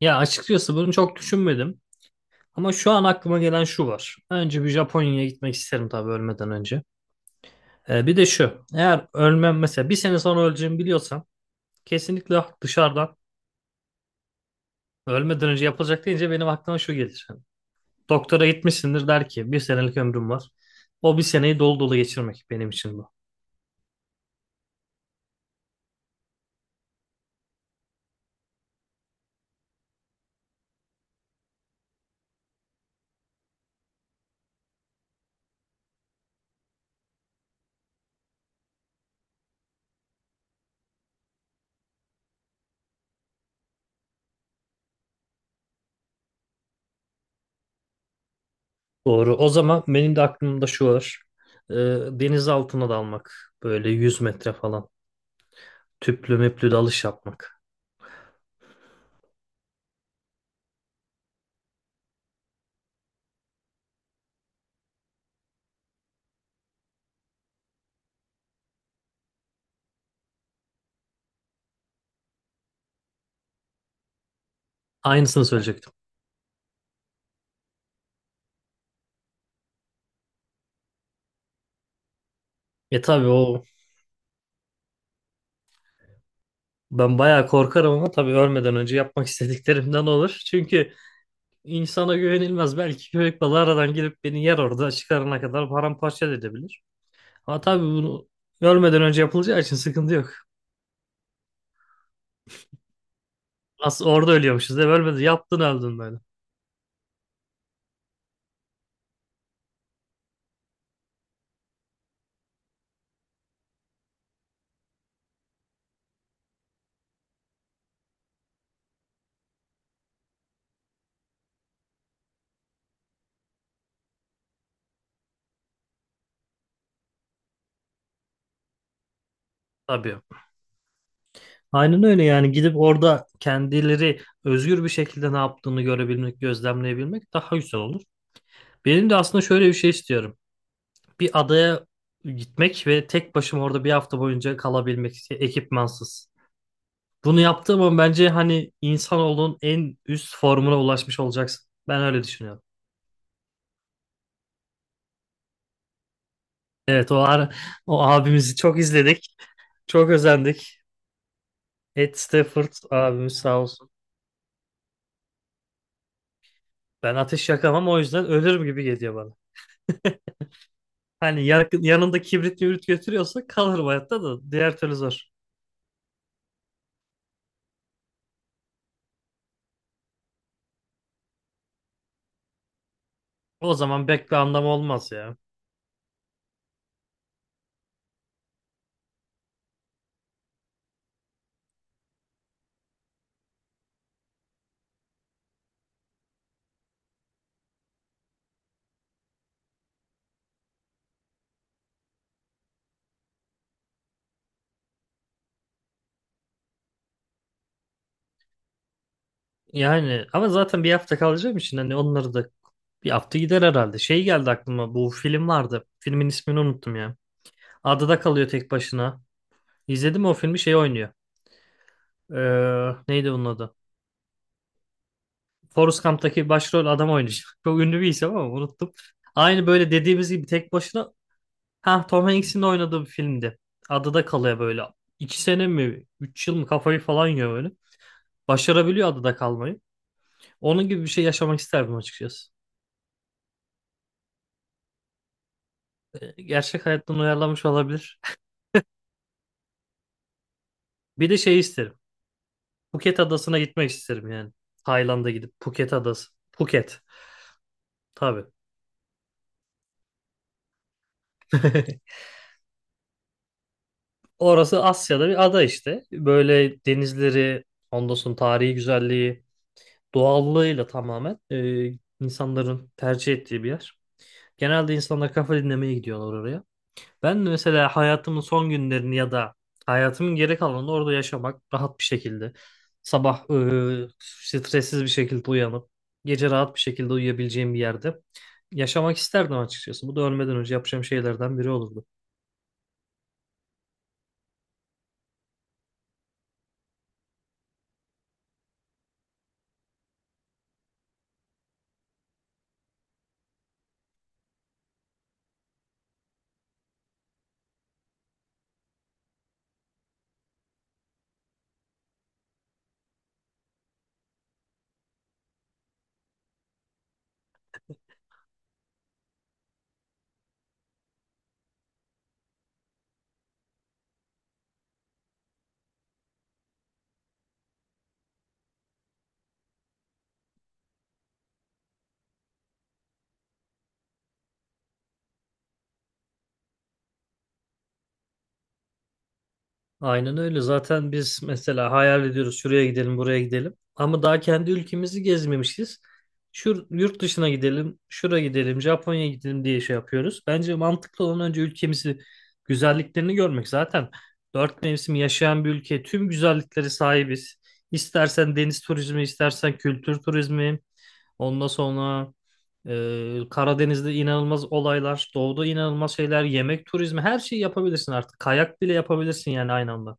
Ya açıkçası bunu çok düşünmedim. Ama şu an aklıma gelen şu var. Önce bir Japonya'ya gitmek isterim tabii ölmeden önce. Bir de şu. Eğer ölmem mesela bir sene sonra öleceğimi biliyorsam kesinlikle dışarıdan ölmeden önce yapılacak deyince benim aklıma şu gelir. Hani doktora gitmişsindir der ki bir senelik ömrüm var. O bir seneyi dolu dolu geçirmek benim için bu. Doğru. O zaman benim de aklımda şu var. Ee, Deniz altına dalmak. Böyle 100 metre falan. Tüplü müplü dalış yapmak. Aynısını söyleyecektim. Tabii o, ben bayağı korkarım ama tabii ölmeden önce yapmak istediklerimden olur. Çünkü insana güvenilmez. Belki köpek balığı aradan gelip beni yer, orada çıkarana kadar paramparça da edebilir. Ama tabii bunu ölmeden önce yapılacağı için sıkıntı yok. Nasıl orada ölüyormuşuz, değil mi? Ölmedin, yaptın, öldün böyle. Tabii. Aynen öyle yani gidip orada kendileri özgür bir şekilde ne yaptığını görebilmek, gözlemleyebilmek daha güzel olur. Benim de aslında şöyle bir şey istiyorum. Bir adaya gitmek ve tek başıma orada bir hafta boyunca kalabilmek ekipmansız. Bunu yaptığın zaman bence hani insanoğlunun en üst formuna ulaşmış olacaksın. Ben öyle düşünüyorum. Evet, o abimizi çok izledik. Çok özendik. Ed Stafford abimiz sağ olsun. Ben ateş yakamam, o yüzden ölürüm gibi geliyor bana. Hani yakın, yanında kibrit mübrit götürüyorsa kalır bu hayatta, da diğer türlü zor. O zaman pek bir anlamı olmaz ya. Yani ama zaten bir hafta kalacağım için hani onları da bir hafta gider herhalde. Şey geldi aklıma, bu film vardı. Filmin ismini unuttum ya. Adada kalıyor tek başına. İzledim o filmi, şey oynuyor. Neydi bunun adı? Forrest Gump'taki başrol adam oynayacak. Çok ünlü bir isim ama unuttum. Aynı böyle dediğimiz gibi tek başına, ha, Tom Hanks'in de oynadığı bir filmdi. Adada kalıyor böyle. 2 sene mi? 3 yıl mı? Kafayı falan yiyor böyle. Başarabiliyor adada kalmayı. Onun gibi bir şey yaşamak isterdim açıkçası. Gerçek hayattan uyarlanmış olabilir. Bir de şey isterim. Phuket adasına gitmek isterim yani. Tayland'a gidip Phuket adası. Phuket. Tabii. Orası Asya'da bir ada işte. Böyle denizleri, ondan sonra tarihi güzelliği, doğallığıyla tamamen insanların tercih ettiği bir yer. Genelde insanlar kafa dinlemeye gidiyorlar oraya. Ben de mesela hayatımın son günlerini ya da hayatımın geri kalanını orada yaşamak rahat bir şekilde. Sabah, stressiz bir şekilde uyanıp gece rahat bir şekilde uyuyabileceğim bir yerde yaşamak isterdim açıkçası. Bu da ölmeden önce yapacağım şeylerden biri olurdu. Aynen öyle. Zaten biz mesela hayal ediyoruz şuraya gidelim, buraya gidelim. Ama daha kendi ülkemizi gezmemişiz. Şu yurt dışına gidelim, şura gidelim, Japonya'ya gidelim diye şey yapıyoruz. Bence mantıklı olan önce ülkemizi, güzelliklerini görmek. Zaten dört mevsim yaşayan bir ülke, tüm güzellikleri sahibiz. İstersen deniz turizmi, istersen kültür turizmi, ondan sonra Karadeniz'de inanılmaz olaylar, doğuda inanılmaz şeyler, yemek turizmi, her şeyi yapabilirsin artık. Kayak bile yapabilirsin yani aynı anda.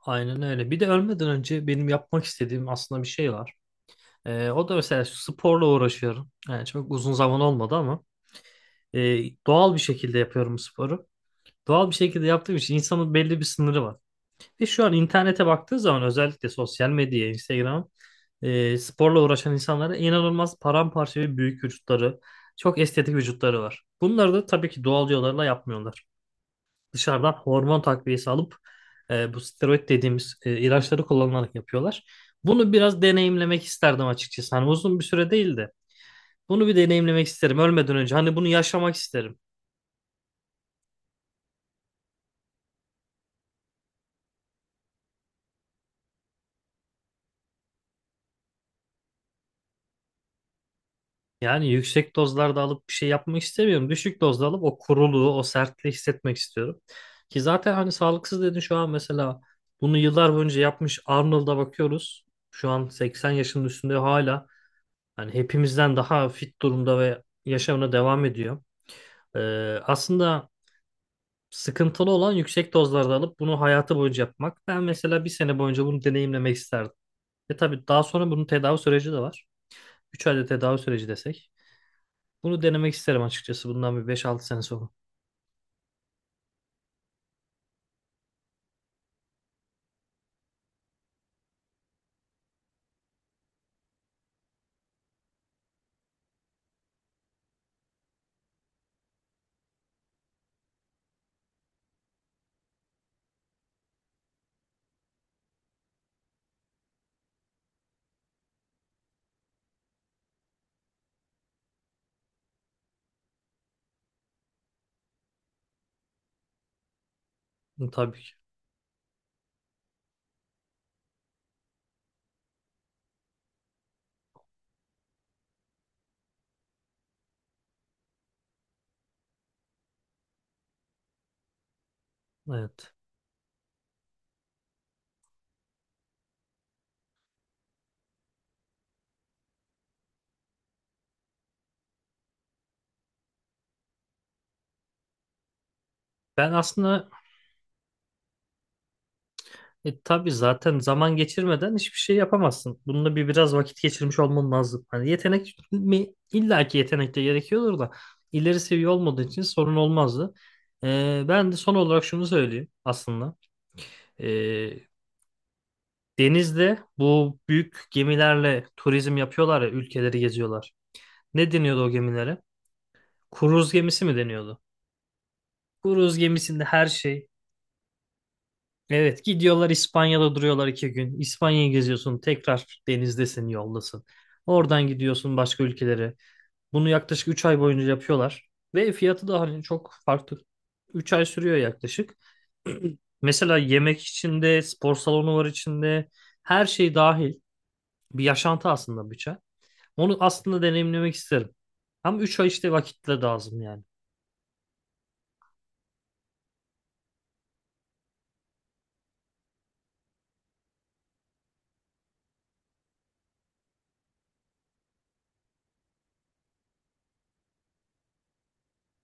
Aynen öyle. Bir de ölmeden önce benim yapmak istediğim aslında bir şey var. O da mesela şu, sporla uğraşıyorum. Yani çok uzun zaman olmadı ama e, doğal bir şekilde yapıyorum sporu. Doğal bir şekilde yaptığım için insanın belli bir sınırı var. Ve şu an internete baktığı zaman, özellikle sosyal medyaya, Instagram, sporla uğraşan insanlara, inanılmaz paramparça ve büyük vücutları, çok estetik vücutları var. Bunları da tabii ki doğal yollarla yapmıyorlar, dışarıdan hormon takviyesi alıp bu steroid dediğimiz ilaçları kullanılarak yapıyorlar. Bunu biraz deneyimlemek isterdim açıkçası. Hani uzun bir süre değil de bunu bir deneyimlemek isterim ölmeden önce. Hani bunu yaşamak isterim. Yani yüksek dozlarda alıp bir şey yapmak istemiyorum. Düşük dozda alıp o kuruluğu, o sertliği hissetmek istiyorum. Ki zaten hani sağlıksız dedin, şu an mesela bunu yıllar boyunca yapmış Arnold'a bakıyoruz. Şu an 80 yaşının üstünde hala hani hepimizden daha fit durumda ve yaşamına devam ediyor. Aslında sıkıntılı olan yüksek dozlarda alıp bunu hayatı boyunca yapmak. Ben mesela bir sene boyunca bunu deneyimlemek isterdim. Ve tabii daha sonra bunun tedavi süreci de var. 3 ayda tedavi süreci desek. Bunu denemek isterim açıkçası bundan bir 5-6 sene sonra. Hı, tabii ki. Evet. Ben aslında, tabii zaten zaman geçirmeden hiçbir şey yapamazsın. Bununla bir biraz vakit geçirmiş olman lazım. Hani yetenek mi? İlla ki yetenek de gerekiyordur da ileri seviye olmadığı için sorun olmazdı. Ben de son olarak şunu söyleyeyim aslında. E, Denizde bu büyük gemilerle turizm yapıyorlar ya, ülkeleri geziyorlar. Ne deniyordu o gemilere? Kruz gemisi mi deniyordu? Kruz gemisinde her şey. Evet, gidiyorlar, İspanya'da duruyorlar 2 gün. İspanya'yı geziyorsun, tekrar denizdesin, yoldasın. Oradan gidiyorsun başka ülkelere. Bunu yaklaşık 3 ay boyunca yapıyorlar. Ve fiyatı da hani çok farklı. 3 ay sürüyor yaklaşık. Mesela yemek içinde, spor salonu var içinde. Her şey dahil. Bir yaşantı aslında, bütçe. Onu aslında deneyimlemek isterim. Ama 3 ay işte vakitle lazım yani.